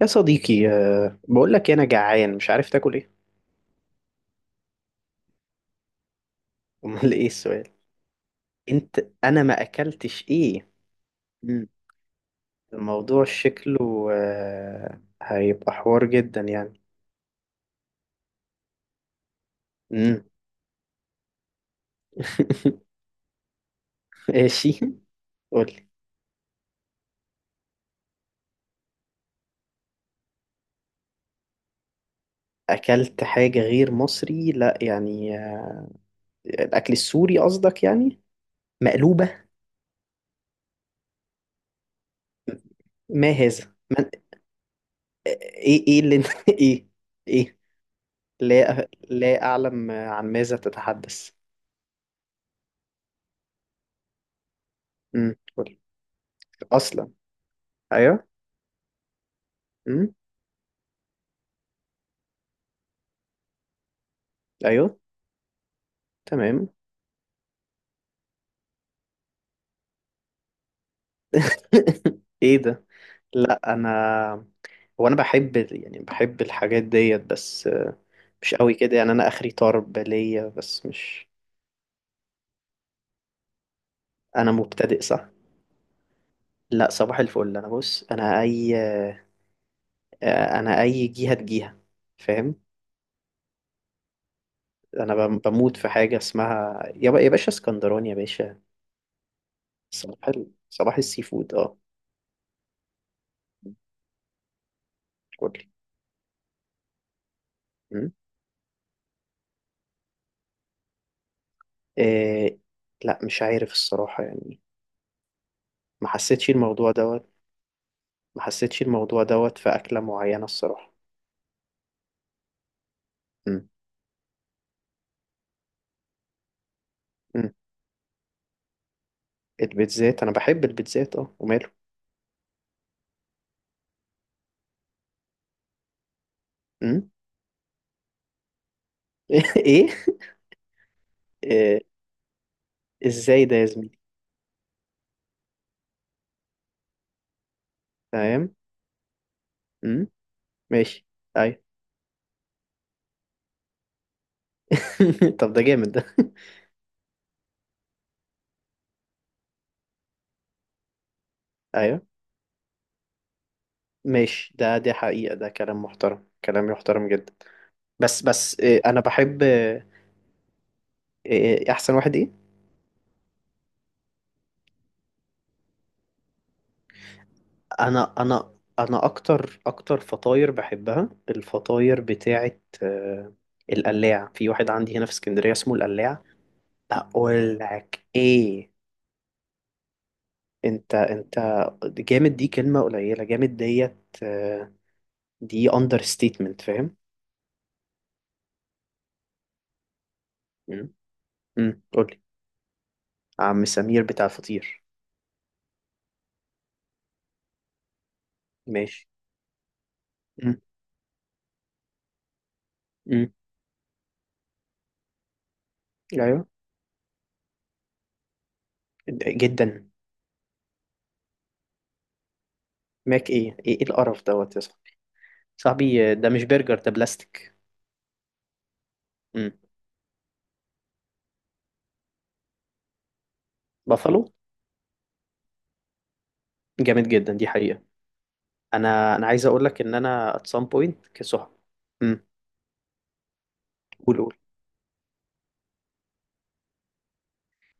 يا صديقي بقول لك انا جعان مش عارف تاكل ايه. امال ايه السؤال؟ انت انا ما اكلتش ايه. مم. الموضوع شكله هيبقى حوار جدا يعني. امم ماشي، قول لي. اكلت حاجة غير مصري؟ لا يعني الاكل السوري قصدك يعني؟ مقلوبة. ما هذا من... ايه ايه اللي انت ايه؟ ايه؟ لا لا اعلم عن ماذا تتحدث. قول لي. اصلا ايوه. امم ايوه، تمام. ايه ده؟ لا انا، انا بحب يعني بحب الحاجات ديت، بس مش قوي كده يعني. انا اخري طرب ليا بس مش. انا مبتدئ صح. لا صباح الفل. انا بص انا اي جهة تجيها فاهم. انا بموت في حاجة اسمها يا باشا اسكندراني يا باشا. صباح السي فود اه. قولي. م? إيه... لا مش عارف الصراحة يعني. ما حسيتش الموضوع دوت. ما حسيتش الموضوع دوت في أكلة معينة الصراحة. امم امم البيتزات، أنا بحب البيتزات أه وماله. امم إيه؟ إيه، إزاي ده يا زميلي؟ تمام. امم ماشي، أيوة. طب ده جامد ده. أيوة، ماشي. ده دي حقيقة، ده كلام محترم، كلام يحترم جدا. بس أنا بحب أحسن واحد إيه؟ أنا أنا أكتر فطاير، بحبها الفطاير بتاعت القلاع، في واحد عندي هنا في اسكندرية اسمه القلاع. اقول لك ايه؟ انت جامد. دي كلمة قليلة، جامد ديت. آه، دي اندر ستيتمنت، فاهم. امم قول لي. عم سمير بتاع الفطير. ماشي. امم امم ايوه، جدا. ماك ايه ايه إيه القرف دوت يا صاحبي؟ صاحبي ده مش برجر، ده بلاستيك. امم بافالو جامد جدا، دي حقيقة. انا عايز اقول لك ان انا at some point كصحاب. امم قول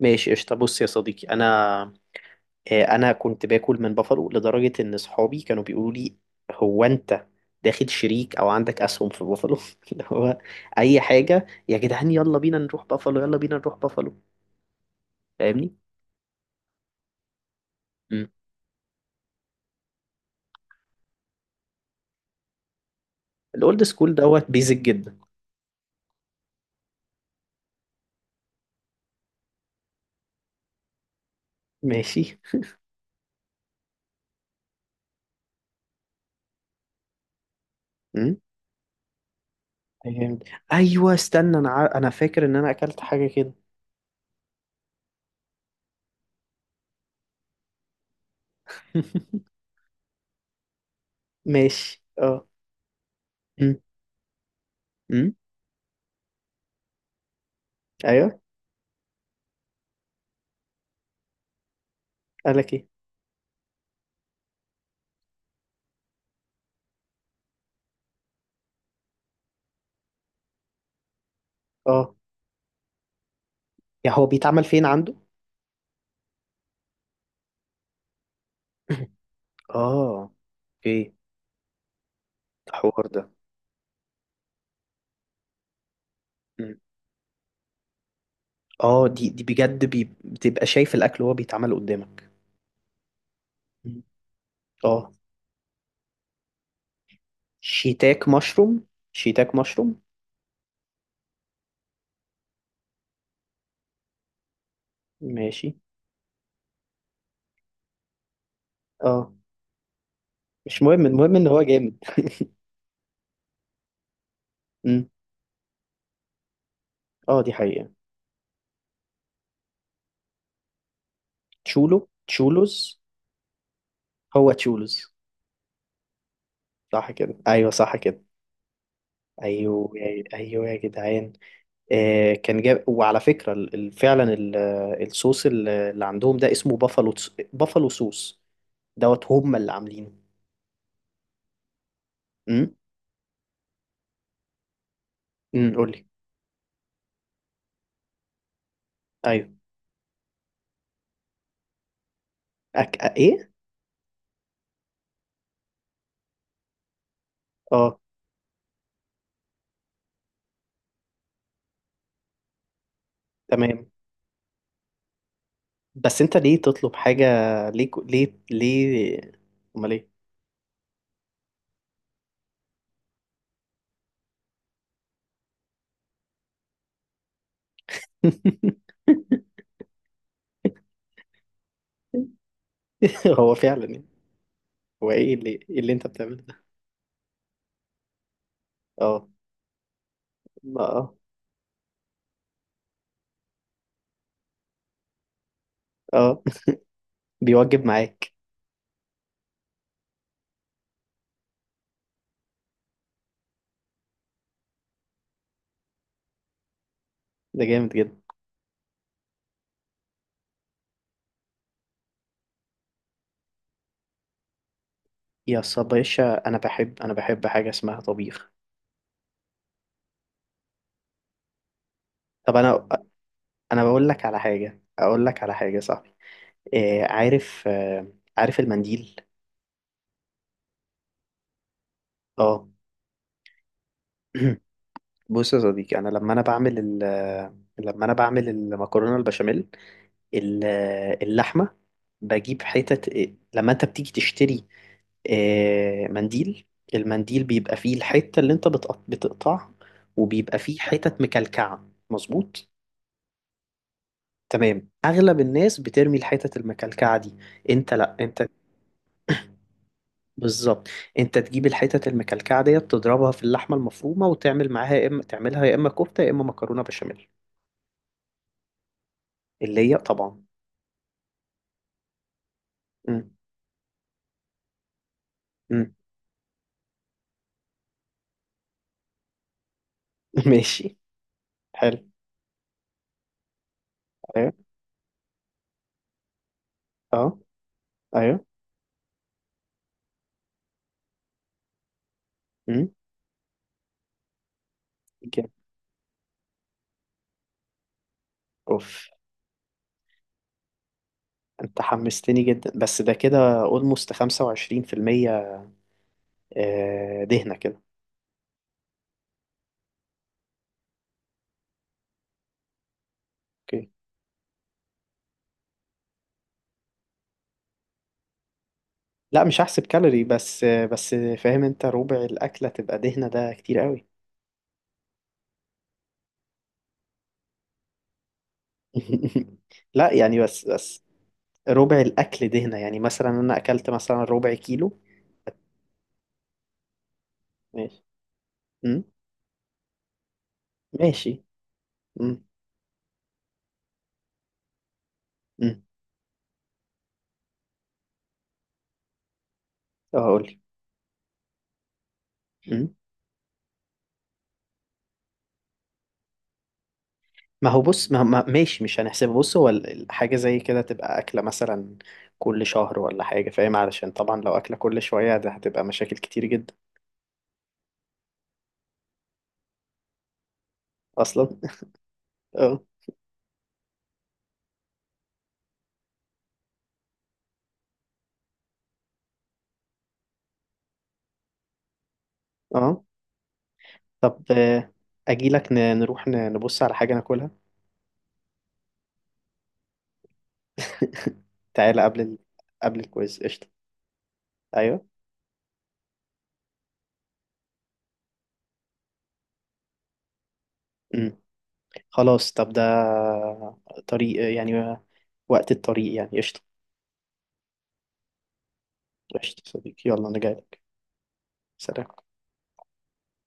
ماشي، قشطة. بص يا صديقي انا انا كنت باكل من بافالو لدرجه ان صحابي كانوا بيقولوا لي: هو انت داخل شريك او عندك اسهم في بافالو؟ اللي هو، اي حاجه يا جدعان يلا بينا نروح بافالو، يلا بينا نروح بافالو، فاهمني. امم الاولد سكول دوت بيزك جدا. ماشي. امم أيام- ايوه استنى، انا انا فاكر ان انا اكلت حاجه كده. ماشي، اه. امم امم ايوه. قالك ايه؟ اه. يا هو بيتعمل فين عنده؟ اه، اوكي. الحوار ده اه، دي دي بجد، بي بتبقى شايف الاكل وهو بيتعمل قدامك. مم. اه. شيتاك مشروم، شيتاك مشروم. ماشي، اه. مش مهم، المهم ان هو جامد. مم. اه، دي حقيقة. تشولو تشولوز. هو تشولوز. صح كده، ايوه، صح كده، ايوه. ايوه يا جدعان. آه كان جاب، وعلى فكرة فعلا الصوص اللي عندهم ده اسمه بافالو بافالو صوص دوت، هم اللي عاملينه. امم قول لي. ايوه. أك... ايه؟ اه، تمام. بس انت ليه تطلب حاجة؟ ليه ليه؟ امال ايه؟ هو فعلا يعني. هو ايه اللي اللي انت بتعمله ده؟ اه. اه، اه، بيوجب معاك. ده جامد جدا. يا باشا انا بحب حاجة اسمها طبيخ. طب انا، انا بقول لك على حاجة اقول لك على حاجة صح. إيه عارف آه، عارف المنديل. اه. بص يا صديقي، انا لما انا بعمل المكرونة البشاميل، ال- اللحمة، بجيب حتت. لما انت بتيجي تشتري منديل، المنديل بيبقى فيه الحتة اللي انت بتقطعها، وبيبقى فيه حتت مكلكعة، مظبوط. تمام. اغلب الناس بترمي الحتت المكلكعة دي، انت لا انت بالظبط، انت تجيب الحتت المكلكعة ديت تضربها في اللحمة المفرومة وتعمل معاها يا اما تعملها يا اما كفتة يا اما مكرونة بشاميل. اللي هي طبعا. م- م. ماشي، حلو. ايوه، اه، ايوه. م. اوف. انت حمستني جدا، بس ده كده اولموست 25%، دهنة كده. اوكي. لا مش هحسب كالوري، بس بس فاهم. انت ربع الاكلة تبقى دهنة؟ ده كتير قوي. لا يعني، بس ربع الاكل دهنة، يعني مثلا انا اكلت مثلا ربع كيلو. ماشي. امم ماشي. امم امم اه قولي. ما هو بص، ماشي مش هنحسبه. بص هو حاجة زي كده تبقى أكلة مثلا كل شهر ولا حاجة فاهم، علشان طبعا لو أكلة كل شوية ده هتبقى مشاكل كتير جدا. أصلا. اه، اه. طب أجيلك، نروح نبص على حاجة ناكلها. تعالى قبل ال... قبل الكويز، قشطة. أيوه. مم. خلاص. طب ده طريق يعني، وقت الطريق يعني، قشطة. قشطة صديقي، يلا أنا جايلك. سلام.